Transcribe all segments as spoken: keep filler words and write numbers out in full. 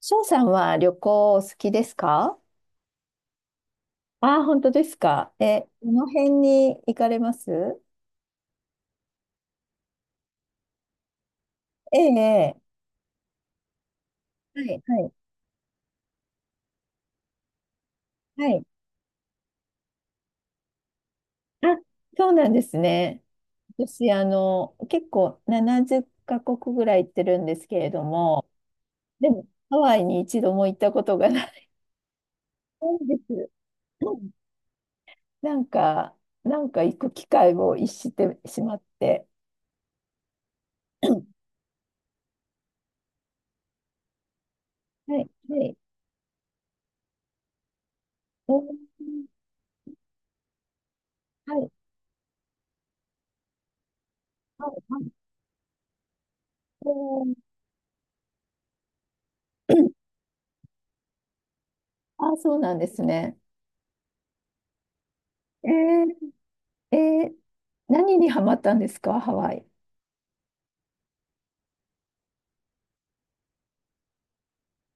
翔さんは旅行お好きですか？ああー、本当ですか。え、どの辺に行かれます？ええ、ええはい、はい、はい。あ、そうなんですね。私、あの、結構ななじゅっかこくカ国ぐらい行ってるんですけれども、でも、ハワイに一度も行ったことがないんです。うん、なんか、なんか行く機会を逸してしまって。はい、はい。おーはい、はい、はい。おー あ、そうなんですね。えー、えー、何にハマったんですか、ハワイ。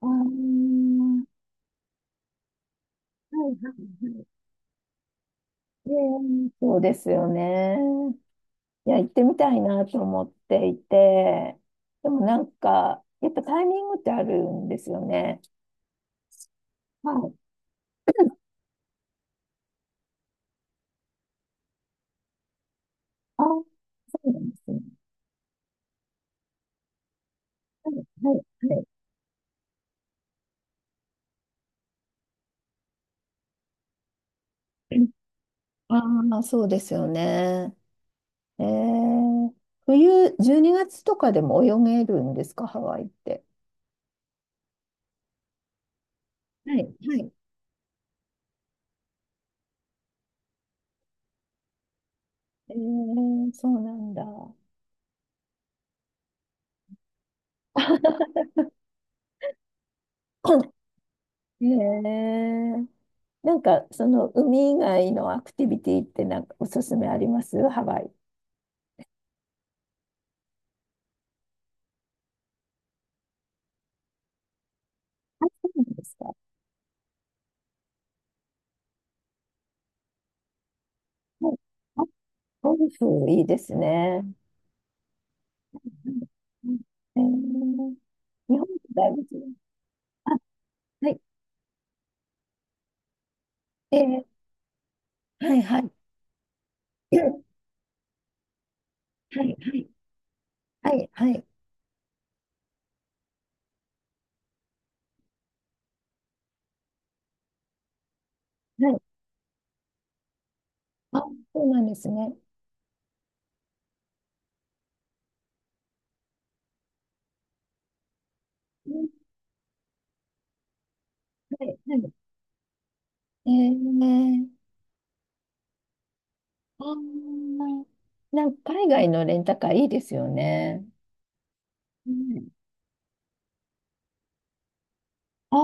あー、はいはいはい。えー、そうですよね。いや、行ってみたいなと思っていて、でもなんか、やっぱタイミングってあるんですよね。はい。あー、そうなんですね。はい、はい、はい。ああ、そうですよね。えー、冬、じゅうにがつとかでも泳げるんですか、ハワイって？はい、はい。えー、そうなんだ。へえ。なんか、その海以外のアクティビティってなんかおすすめあります、ハワイ？そうなんですか。はい。あ、ゴルフいいですね。うん、えー、日本とだいぶ違う。あ、はい。えー、はいはい。はいはい。はいはい。はい。あ、そうなんですね。うん、はいはい。えー、あー、なんか海外のレンタカーいいですよね。うん、あ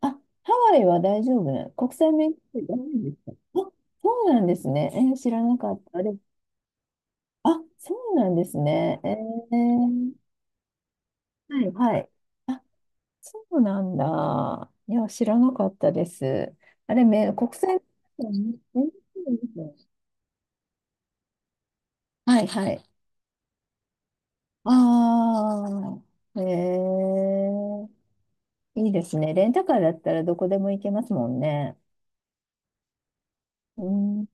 あ、あ、ハワイは大丈夫なの？国際免許証ダメですか？あ、そうなんですね。えー、知らなかった。で、あ、そうなんですね。えー、はい、はい。あ、そうなんだ。いや、知らなかったです。あれ、め、国際免許証ね、免許証ですね。はい、はい。ああ、えー、いいですね。レンタカーだったらどこでも行けますもんね。うん。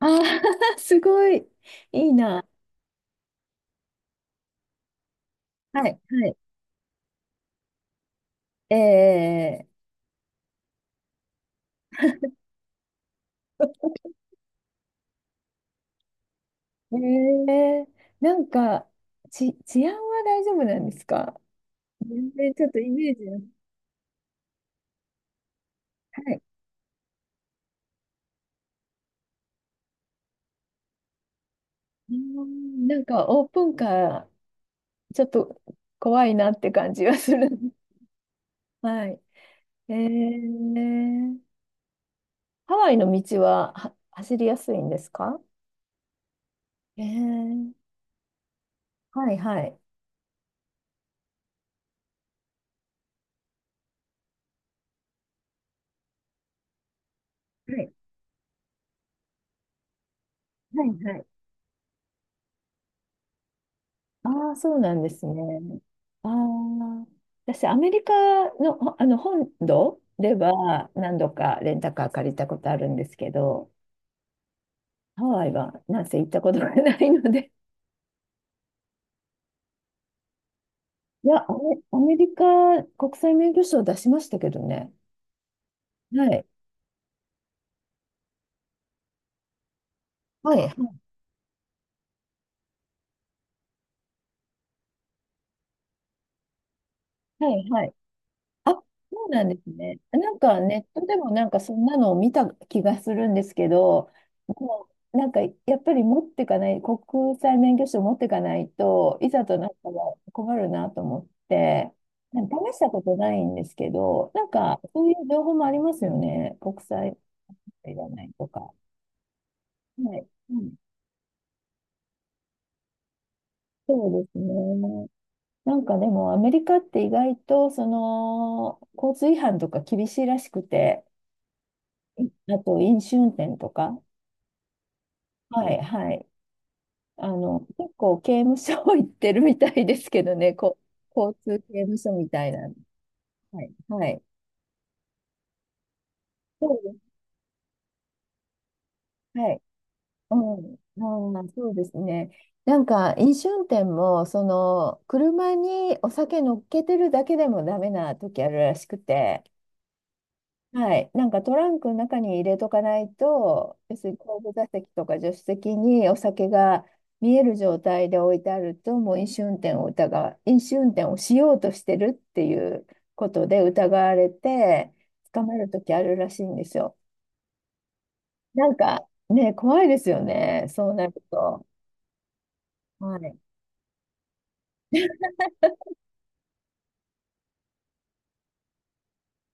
ああ、すごい。いいな。はい、はい。ええ、ええ、なんか、ち、治安は大丈夫なんですか？全然ちょっとイメージが。はい。うーん、なんかオープンカー、ちょっと怖いなって感じがする。はい。ええ、ハワイの道は、は、走りやすいんですか？ええ、はいはい。はい。はいはい、ああ、そうなんですね。ああ、私、アメリカの、ほあの本土では何度かレンタカー借りたことあるんですけど、ハワイはなんせ行ったことがないので、いや、アメ、アメリカ国際免許証出しましたけどね。はい。はい。はい。はい。はい、あ、そうなんですね。なんかネットでもなんかそんなのを見た気がするんですけど、もうなんかやっぱり持ってかない、国際免許証持ってかないといざとなったら困るなと思って、なんか試したことないんですけど、なんかそういう情報もありますよね。国際いらないとか。はい。うん、そうですね。なんかでもアメリカって意外とその交通違反とか厳しいらしくて、あと飲酒運転とか、はい、はい。あの、結構刑務所 行ってるみたいですけどね、こ、交通刑務所みたいな。はい、はい。そうです。はい。うん、あー、そうですね。なんか、飲酒運転も、その、車にお酒乗っけてるだけでもダメな時あるらしくて、はい。なんかトランクの中に入れとかないと、要するに後部座席とか助手席にお酒が見える状態で置いてあると、もう飲酒運転を疑う、飲酒運転をしようとしてるっていうことで疑われて、捕まるときあるらしいんですよ。なんかね、怖いですよね、そうなると。はい。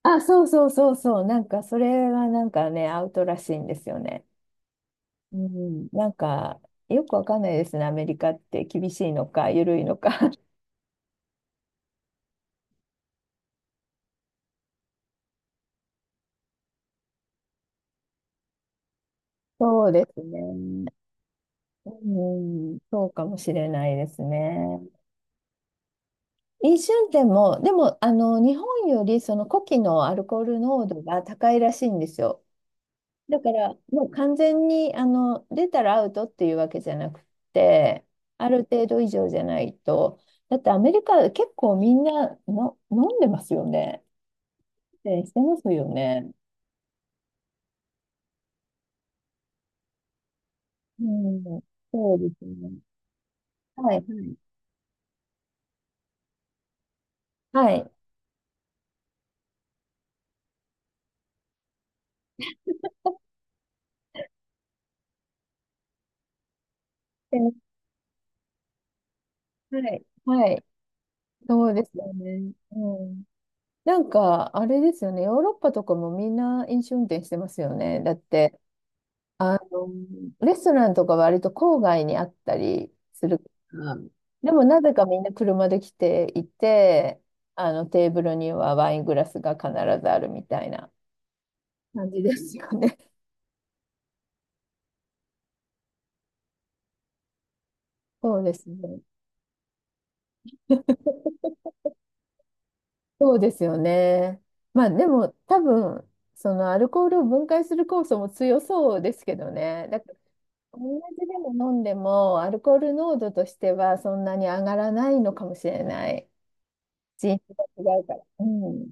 あ、そうそうそうそう、なんかそれはなんかね、アウトらしいんですよね。うん、なんかよくわかんないですね、アメリカって厳しいのか、緩いのか。そうですね。うん、そうかもしれないですね。飲酒運転も、でも、あの、日本よりその呼気のアルコール濃度が高いらしいんですよ。だから、もう完全に、あの、出たらアウトっていうわけじゃなくて、ある程度以上じゃないと。だってアメリカ結構みんなの飲んでますよね。でしてますよね。うん、そうですね。はい。はい。はい。で、はい。はい、そうですよね。うん。なんか、あれですよね。ヨーロッパとかもみんな飲酒運転してますよね。だって、あの、レストランとか割と郊外にあったりするから。でも、なぜかみんな車で来ていて、あの、テーブルにはワイングラスが必ずあるみたいな感じですよね。そうですね。そうですよね。まあ、でも、多分、そのアルコールを分解する酵素も強そうですけどね。だから同じでも飲んでも、アルコール濃度としてはそんなに上がらないのかもしれない。人種が違うから。うん。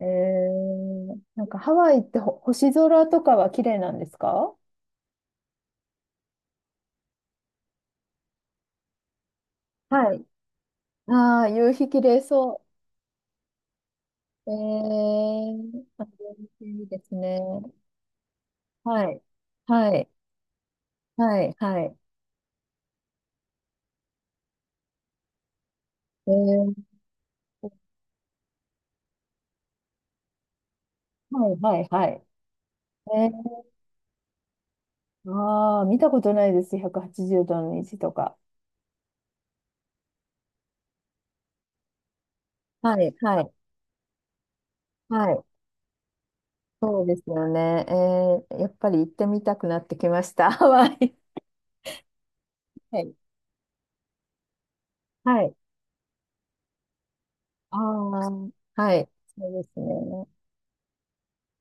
えー、なんかハワイってほ星空とかは綺麗なんですか？はい。ああ、夕日綺麗そう。えー、あ、いいですね。はい。はい。はい。はい。えー、はい。はい。はい。えー、ああ、見たことないです。ひゃくはちじゅうどの虹とか。はい。はい。はい。そうですよね。えー、やっぱり行ってみたくなってきました、ハワイ。はい。はい。ああ、はい。そうですね。